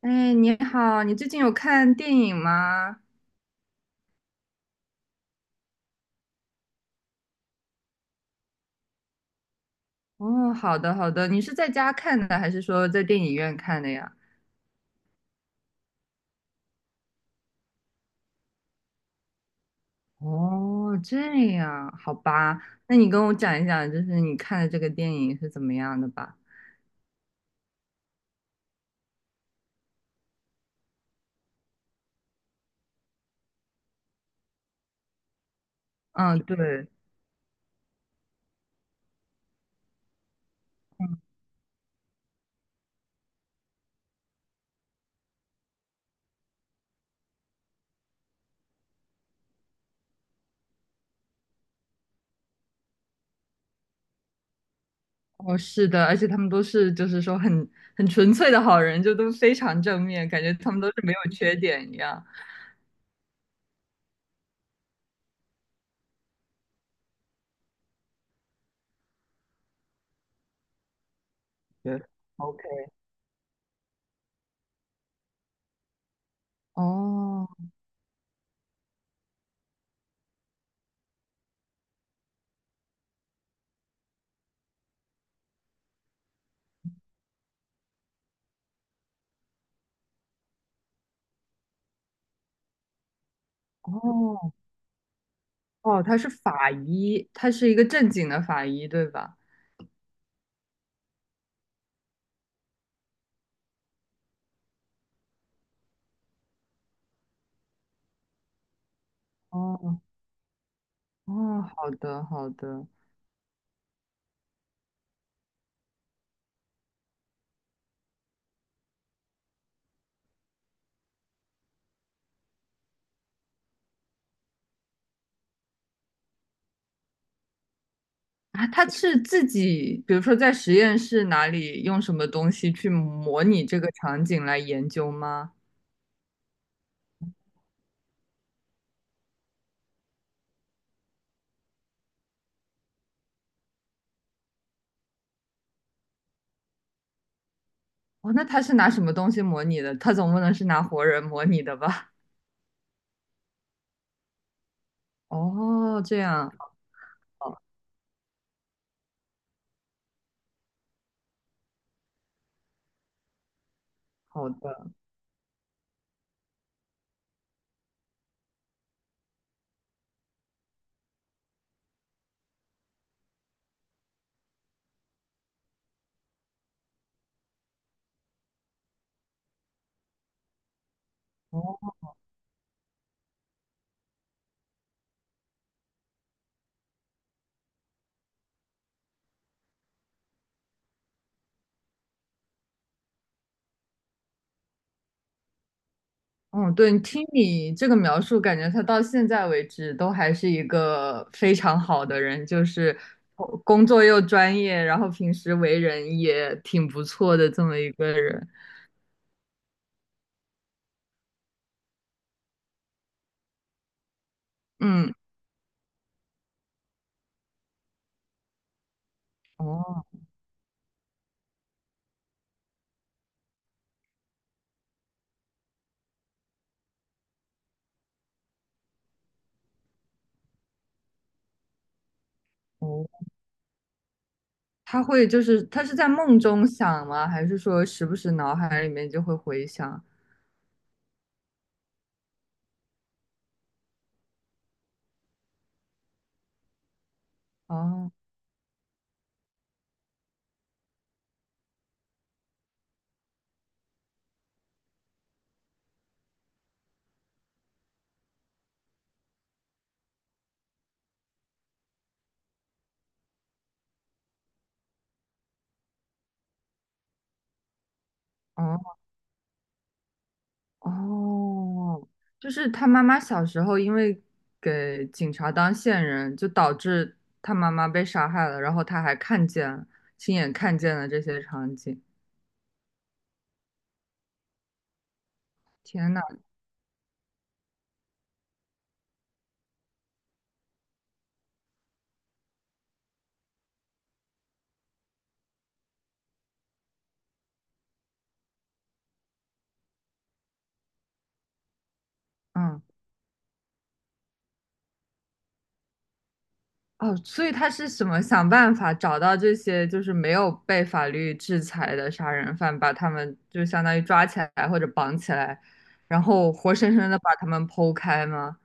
哎，你好，你最近有看电影吗？哦，好的好的，你是在家看的还是说在电影院看的呀？哦，这样，好吧，那你跟我讲一讲，就是你看的这个电影是怎么样的吧？嗯，对，嗯。哦，是的，而且他们都是就是说很纯粹的好人，就都非常正面，感觉他们都是没有缺点一样。对，OK，哦。哦。哦，他是法医，他是一个正经的法医，对吧？哦。哦。哦，好的好的。啊，他是自己，比如说在实验室哪里用什么东西去模拟这个场景来研究吗？哦，那他是拿什么东西模拟的？他总不能是拿活人模拟的吧？哦，这样，好好的。哦，嗯，对，你听你这个描述，感觉他到现在为止都还是一个非常好的人，就是工作又专业，然后平时为人也挺不错的这么一个人。嗯，哦。哦，他会就是他是在梦中想吗？还是说时不时脑海里面就会回想？哦。哦。哦，就是他妈妈小时候因为给警察当线人，就导致他妈妈被杀害了，然后他还看见亲眼看见了这些场景。天呐，嗯。哦，所以他是什么想办法找到这些就是没有被法律制裁的杀人犯，把他们就相当于抓起来或者绑起来，然后活生生的把他们剖开吗？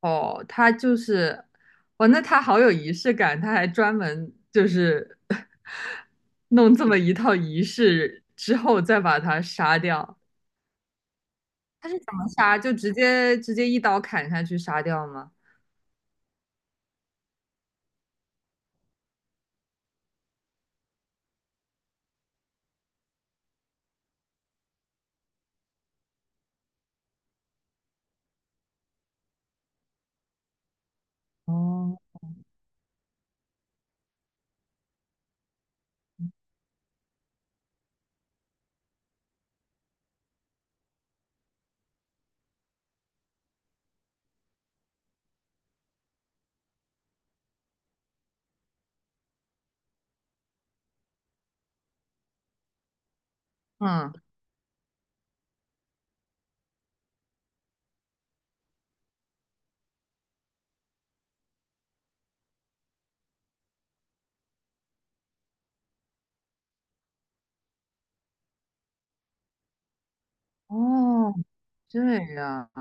哦，他就是，哦，那他好有仪式感，他还专门就是 弄这么一套仪式之后再把他杀掉。他是怎么杀？就直接一刀砍下去杀掉吗？哦，嗯，哦，这样。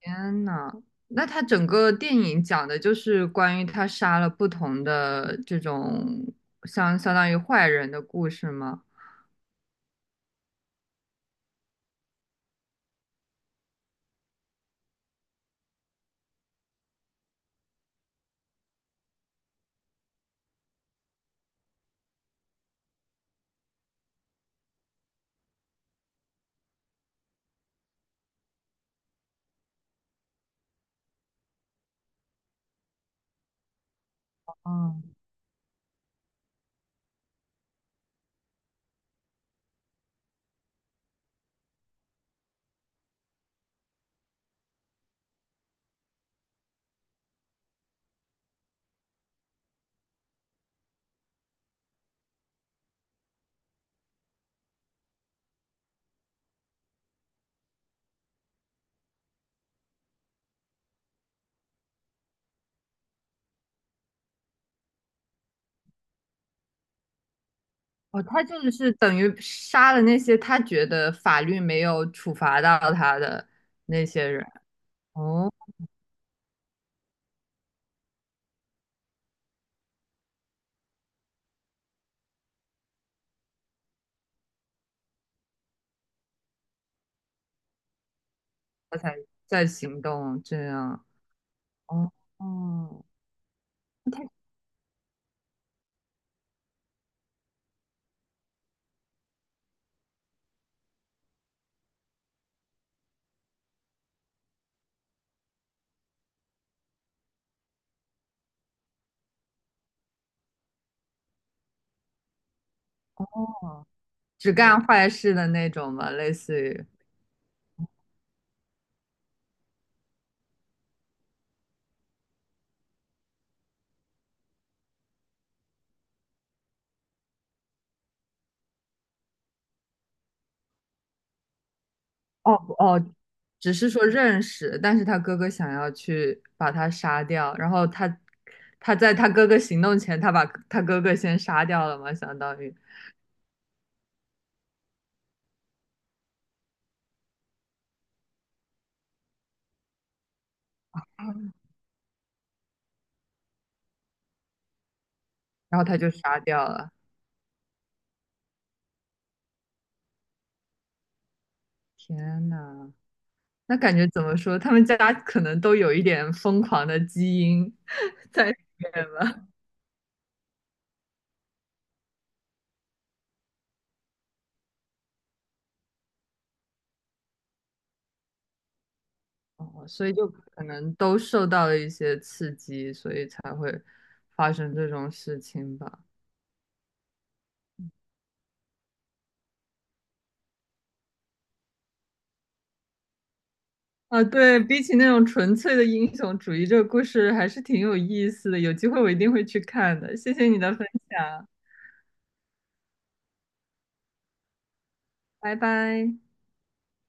天呐，那他整个电影讲的就是关于他杀了不同的这种相当于坏人的故事吗？哦，哦，他就是等于杀了那些他觉得法律没有处罚到他的那些人，哦，他才在行动，这样，哦，哦，那太好了，只干坏事的那种嘛，类似于，哦。哦，只是说认识，但是他哥哥想要去把他杀掉，然后他在他哥哥行动前，他把他哥哥先杀掉了嘛，相当于，然后他就杀掉了。天呐，那感觉怎么说？他们家可能都有一点疯狂的基因 在里面吧，哦，所以就可能都受到了一些刺激，所以才会发生这种事情吧。啊，对，比起那种纯粹的英雄主义，这个故事还是挺有意思的。有机会我一定会去看的。谢谢你的分享，拜拜。